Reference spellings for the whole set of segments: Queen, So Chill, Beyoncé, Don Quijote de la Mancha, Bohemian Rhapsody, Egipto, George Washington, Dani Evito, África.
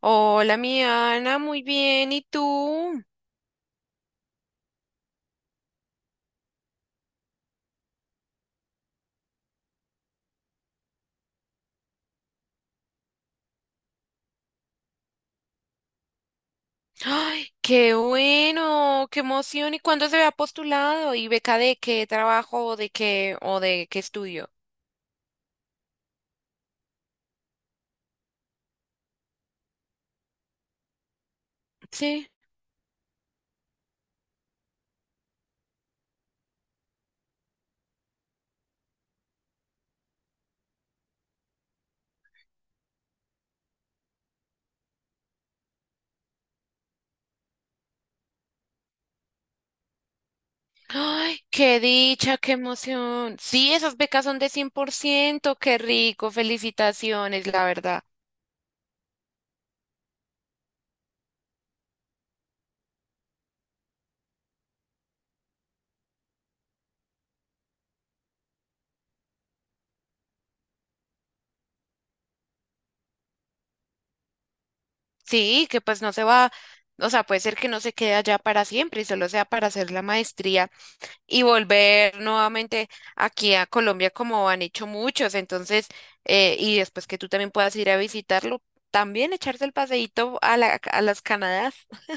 Hola, mi Ana, muy bien. ¿Y tú? ¡Ay, qué bueno! ¡Qué emoción! ¿Y cuándo se había postulado? ¿Y beca de qué trabajo o de qué estudio? Sí. ¡Ay, qué dicha, qué emoción! Sí, esas becas son de 100%, qué rico, felicitaciones, la verdad. Sí, que pues no se va, o sea, puede ser que no se quede allá para siempre y solo sea para hacer la maestría y volver nuevamente aquí a Colombia como han hecho muchos. Entonces, y después que tú también puedas ir a visitarlo, también echarse el paseíto a las Canadá.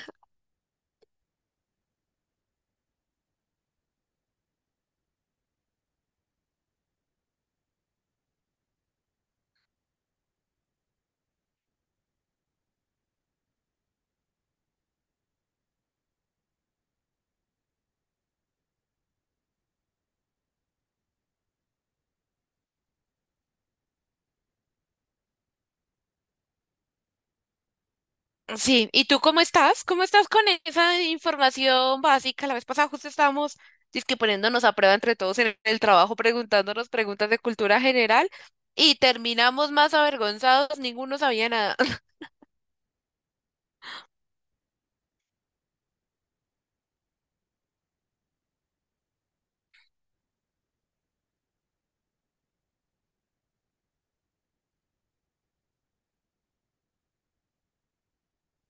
Sí, ¿y tú cómo estás? ¿Cómo estás con esa información básica? La vez pasada justo estábamos dizque poniéndonos a prueba entre todos en el trabajo, preguntándonos preguntas de cultura general y terminamos más avergonzados, ninguno sabía nada.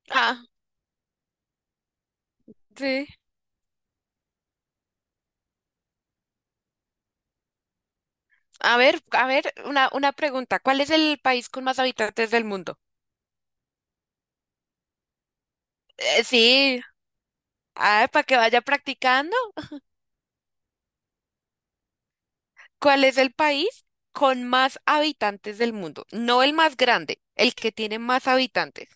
Ah, sí. A ver, una pregunta. ¿Cuál es el país con más habitantes del mundo? Sí, ah, para que vaya practicando, ¿cuál es el país con más habitantes del mundo? No el más grande, el que tiene más habitantes.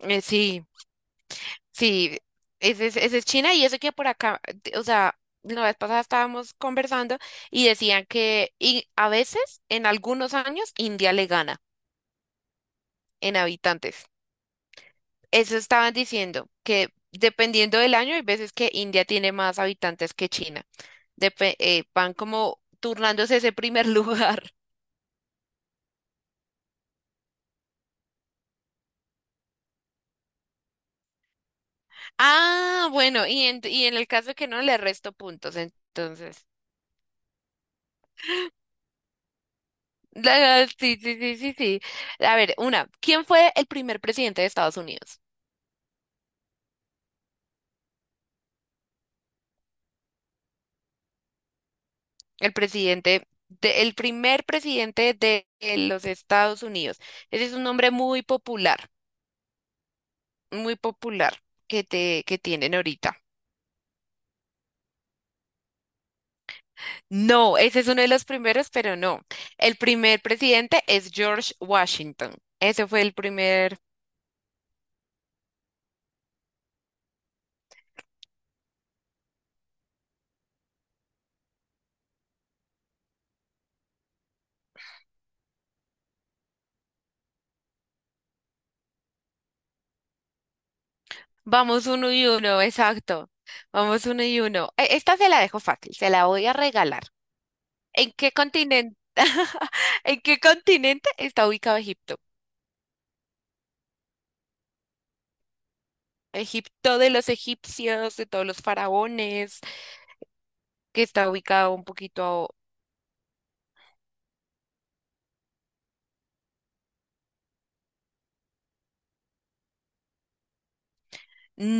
Eh, sí, sí, ese es China. Y eso que por acá, o sea, la vez pasada estábamos conversando y decían que a veces, en algunos años, India le gana en habitantes. Eso estaban diciendo, que dependiendo del año, hay veces que India tiene más habitantes que China. Van como turnándose ese primer lugar. Ah, bueno, y en el caso de que no, le resto puntos, entonces. Sí, sí, sí, sí, sí. A ver, una, ¿quién fue el primer presidente de Estados Unidos? El presidente, el primer presidente de los Estados Unidos. Ese es un nombre muy popular que tienen ahorita. No, ese es uno de los primeros, pero no. El primer presidente es George Washington. Ese fue el primer. Vamos uno y uno, exacto. Vamos uno y uno. Esta se la dejo fácil, se la voy a regalar. ¿En qué continente, ¿en qué continente está ubicado Egipto? Egipto de los egipcios, de todos los faraones, que está ubicado un poquito...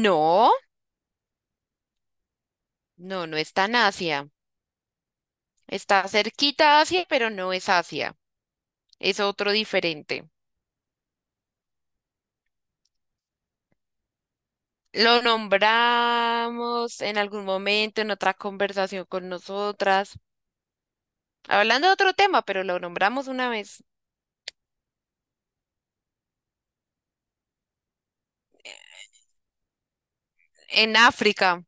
No, no, no está en Asia. Está cerquita a Asia, pero no es Asia. Es otro diferente. Lo nombramos en algún momento, en otra conversación con nosotras. Hablando de otro tema, pero lo nombramos una vez. En África,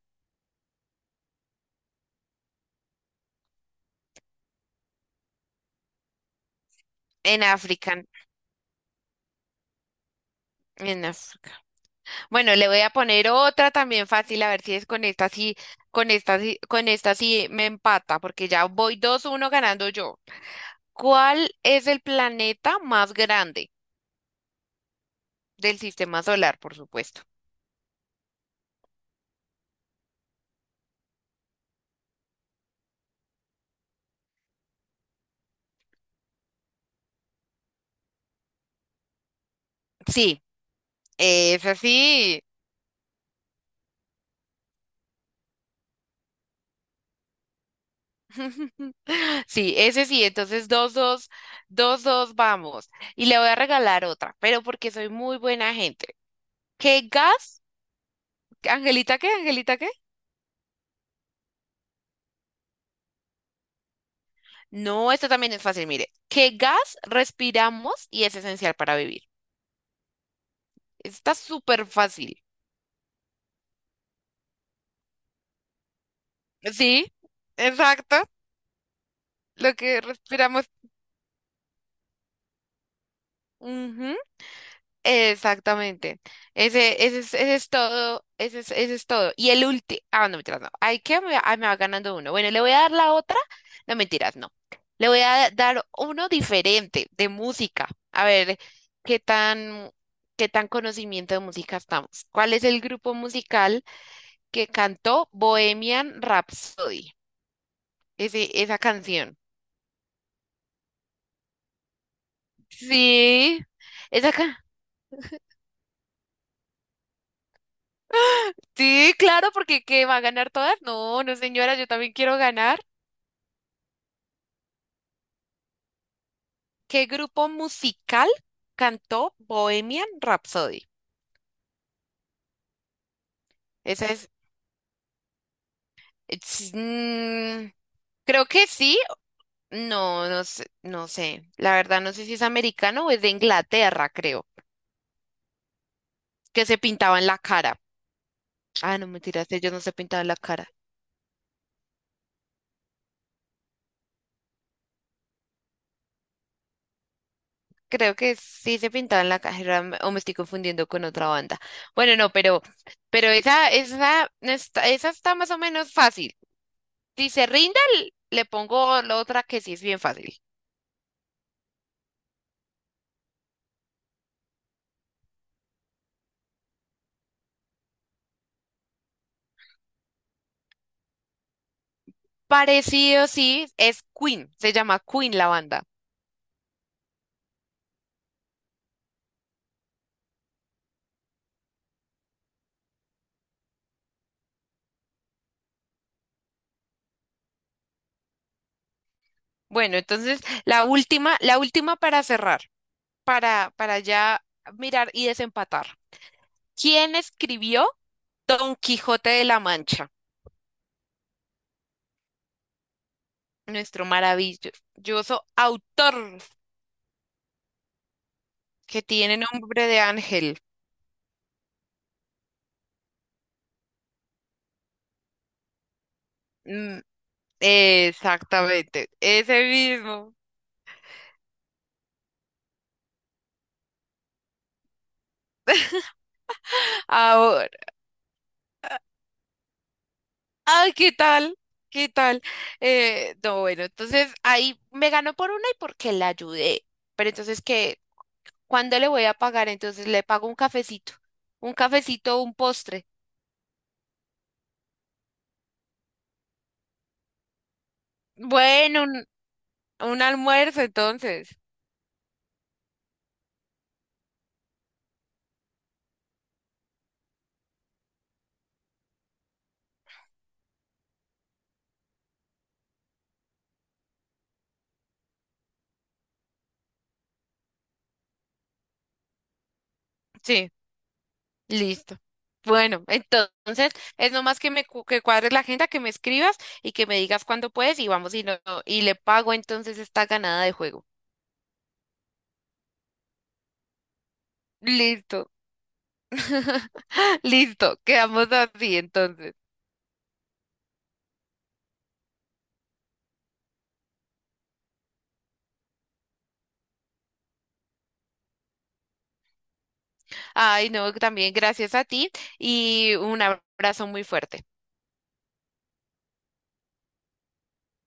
en África, en África. Bueno, le voy a poner otra también fácil, a ver si es con esta sí me empata, porque ya voy 2-1 ganando yo. ¿Cuál es el planeta más grande del sistema solar, por supuesto? Sí, ese sí. Sí, ese sí, entonces dos dos vamos. Y le voy a regalar otra, pero porque soy muy buena gente. ¿Qué gas? ¿Angelita qué? ¿Angelita qué? No, esta también es fácil, mire. ¿Qué gas respiramos y es esencial para vivir? Está súper fácil. Sí, exacto. Lo que respiramos. Ujú. Exactamente. Ese es todo. Ese es todo. Y el último. Ah, no, mentiras, no. Ay, que me, ah, me va ganando uno. Bueno, le voy a dar la otra. No, mentiras, no. Le voy a dar uno diferente de música. A ver, qué tan, qué tan conocimiento de música estamos. ¿Cuál es el grupo musical que cantó Bohemian Rhapsody? Ese, esa canción. Sí, esa ca- sí, claro, porque ¿qué va a ganar todas? No, no, señora, yo también quiero ganar. ¿Qué grupo musical cantó Bohemian Rhapsody? Esa es- mm, creo que sí. No, no sé, no sé. La verdad no sé si es americano o es de Inglaterra, creo, que se pintaba la cara. Ah, no, mentiras, ellos no se pintaban la cara. Creo que sí se pintaban la cara o me estoy confundiendo con otra banda. Bueno, no, pero esa, no está- Esa está más o menos fácil. Si se rinde, le pongo la otra que sí es bien fácil. Parecido, sí, es Queen, se llama Queen la banda. Bueno, entonces la última para cerrar, para ya mirar y desempatar. ¿Quién escribió Don Quijote de la Mancha? Nuestro maravilloso autor que tiene nombre de ángel. Mm, exactamente, ese mismo. Ahora, ay, ¿qué tal? ¿Qué tal? No, bueno, entonces ahí me ganó por una y porque la ayudé. Pero entonces, ¿qué? ¿Cuándo le voy a pagar? Entonces le pago un cafecito, un cafecito, un postre. Bueno, un almuerzo entonces. Sí, listo. Bueno, entonces es nomás que cuadres la agenda, que me escribas y que me digas cuándo puedes y vamos y y le pago entonces esta ganada de juego. Listo. Listo, quedamos así entonces. Ay, no, también gracias a ti y un abrazo muy fuerte.